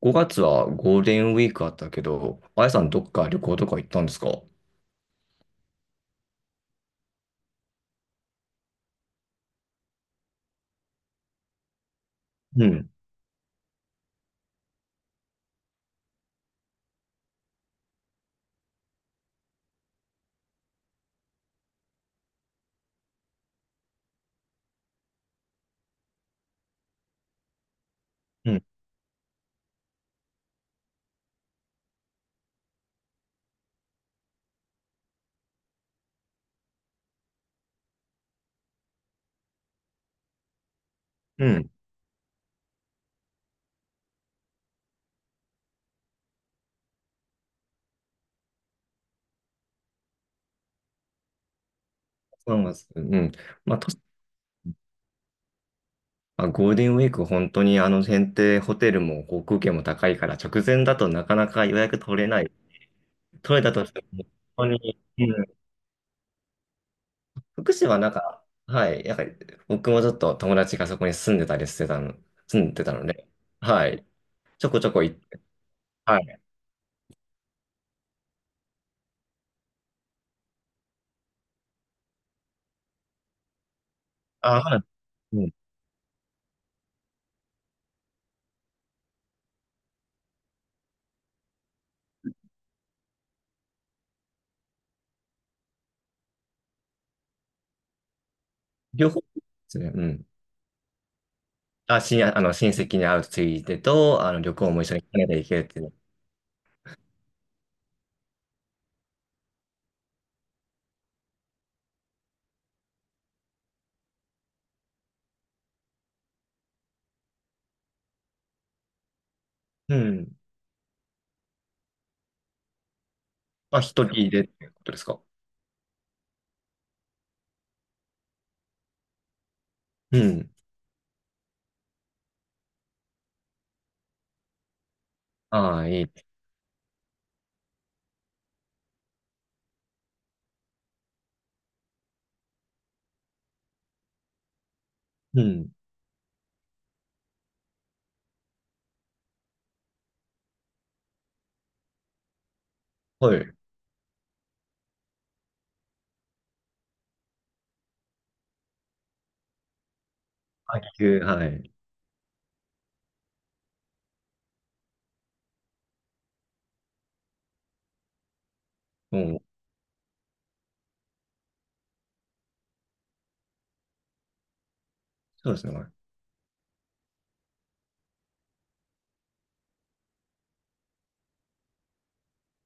5月はゴールデンウィークあったけど、あやさんどっか旅行とか行ったんですか？うん、うん、うん。3月。うん。まあ、とまあゴールデンウィーク本当にあの選定ホテルも航空券も高いから直前だとなかなか予約取れない。取れたとしても本当に、うん。福島はなんか、はい、なんか僕もちょっと友達がそこに住んでたりしてたの、住んでたので、はい。ちょこちょこ行って、はい。あ、はい。うん。両方ですね。うん。あ、しん、あの、親戚に会うついでと、あの、旅行も一緒にカナダ行けるっていう。うん。あ、一人でってことですか？うん。ああ、いい。うん。はい。あ、急、はい。うん。そうですね。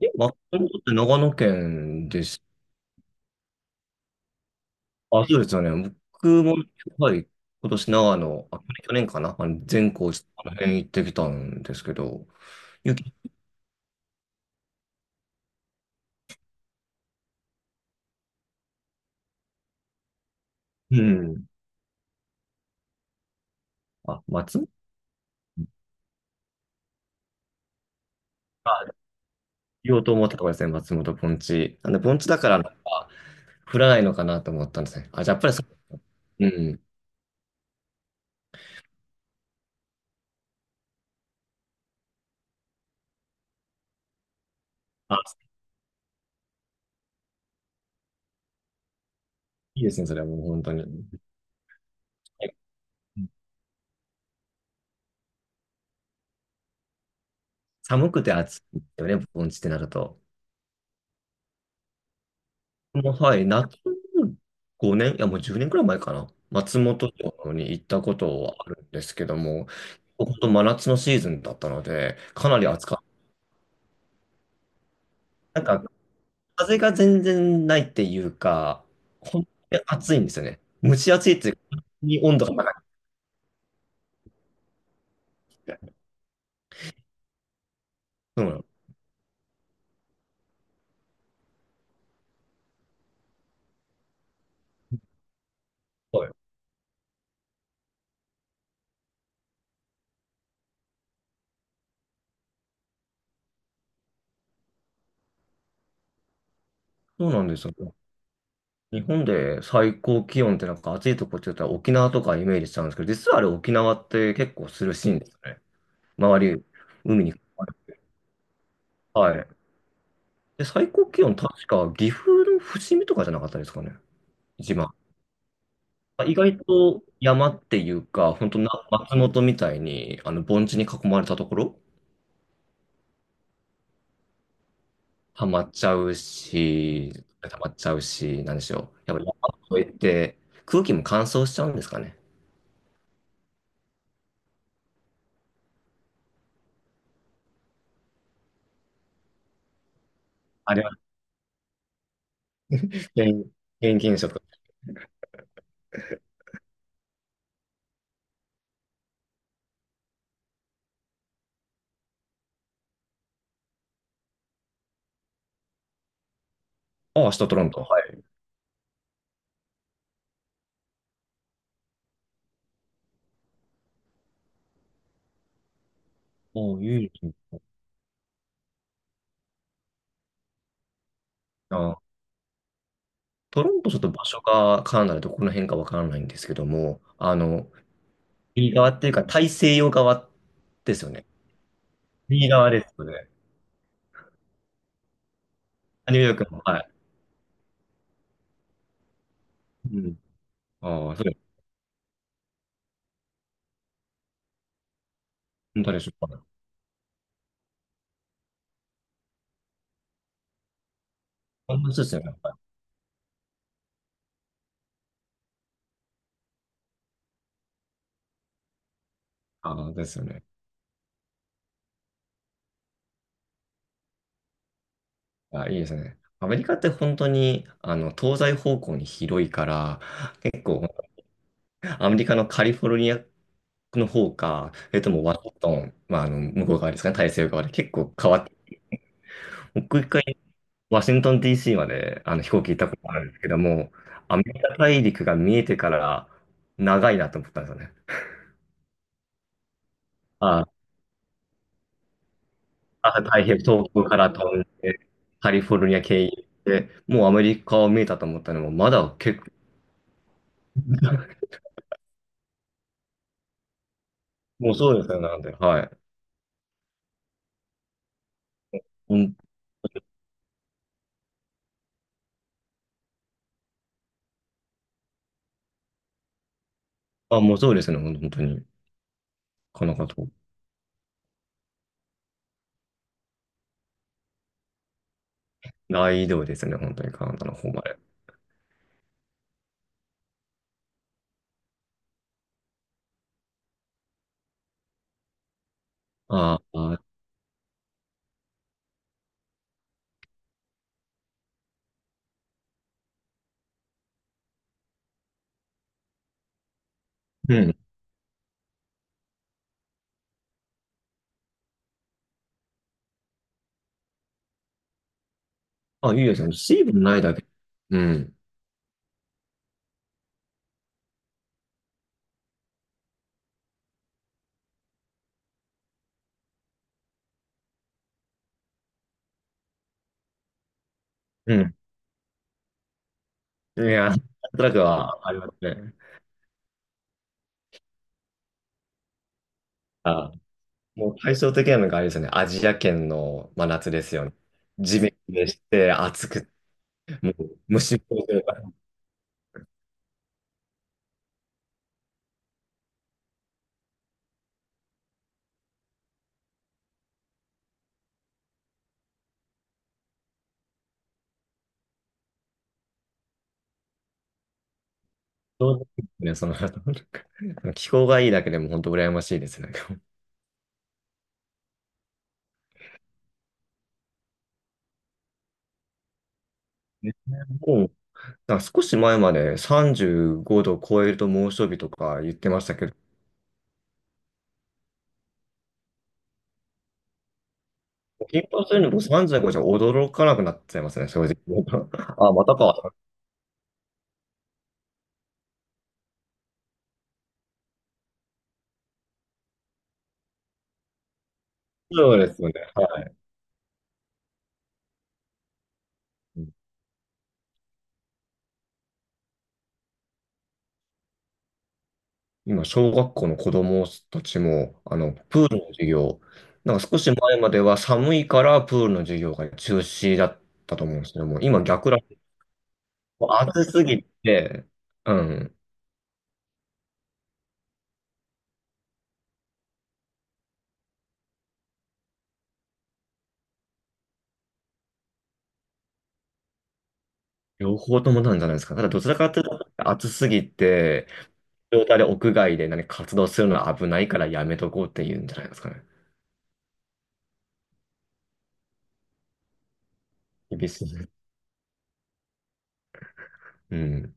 え、ま松本って長野県です。あ、そうですよね。僕も、はい。今年長野、あ、去年かな。あの、善光寺、あの辺行ってきたんですけど、雪、うん。あ、松あ、言おうと思ったところですね。松本盆地。なんで、盆地だから、降らないのかなと思ったんですね。あ、じゃあやっぱりそうん。あ、いいですね、それはもう本当に。寒くて暑いよね、盆地ってなると。もうはい、夏5年、いやもう10年くらい前かな。松本城に行ったことはあるんですけども、本当真夏のシーズンだったので、かなり暑かった。なんか、風が全然ないっていうか、本当に暑いんですよね。蒸し暑いっていうか、本当に温度が高くて。そうなの。はい。そうなんですよ。日本で最高気温ってなんか暑いとこって言ったら沖縄とかイメージしちゃうんですけど、実はあれ沖縄って結構涼しいんですよね。周り、海に。はい。で、最高気温確か岐阜の伏見とかじゃなかったですかね。一番。意外と山っていうか、本当な松本みたいにあの盆地に囲まれたところ、ハマっちゃうし、溜まっちゃうし、なんでしょう。やっぱり山越えて空気も乾燥しちゃうんですかね。あれは原因原因現象ああ、明日取らんと。おーいいですねあ、トロントちょっと場所がカナダでどこの辺かわからないんですけども、あの、右側っていうか大西洋側ですよね。右側ですよね。あニューヨークの、はい。うん。ああ、そう、本当でしょうか。こんな人ですよね。はいああ、ですよね。あ、いいですね。アメリカって本当に、あの、東西方向に広いから、結構、アメリカのカリフォルニアの方か、もうワシントン、まあ、あの、向こう側ですかね、大西洋側で結構変わって、僕一回ワシントン DC まであの飛行機行ったことあるんですけども、アメリカ大陸が見えてから長いなと思ったんですよね。あ、あ、太平洋、東京から飛んで、カリフォルニア経由で、もうアメリカを見えたと思ったのも、まだ結構、もうそうですね、なんで、はい。うん、あ、もうそうですね、ほん本当に。このこと大移動ですね、本当にカナダの方まで。ああ、うん。あ、いいですね。水分ないだけ。うん。うん。いや、なんとなくはありますね。あもう対照的なのがあれですよね。アジア圏の真夏ですよね。ジメジメして、暑くて、もう虫も多いというか、そうですね、その、なんか気候がいいだけでも本当羨ましいですね。ねもう、なんか少し前まで35度超えると猛暑日とか言ってましたけど、頻発するの僕35じゅうごじゃ驚かなくなっちゃいますね、正直。あ、またか。そうですよね。はい今、小学校の子供たちも、あの、プールの授業、なんか少し前までは寒いからプールの授業が中止だったと思うんですけども、今逆ら、もう暑すぎて、うん、両方ともなんじゃないですか。ただどちらかというと、暑すぎて、状態で屋外で何か活動するのは危ないからやめとこうっていうんじゃないですかね。厳しい。うん。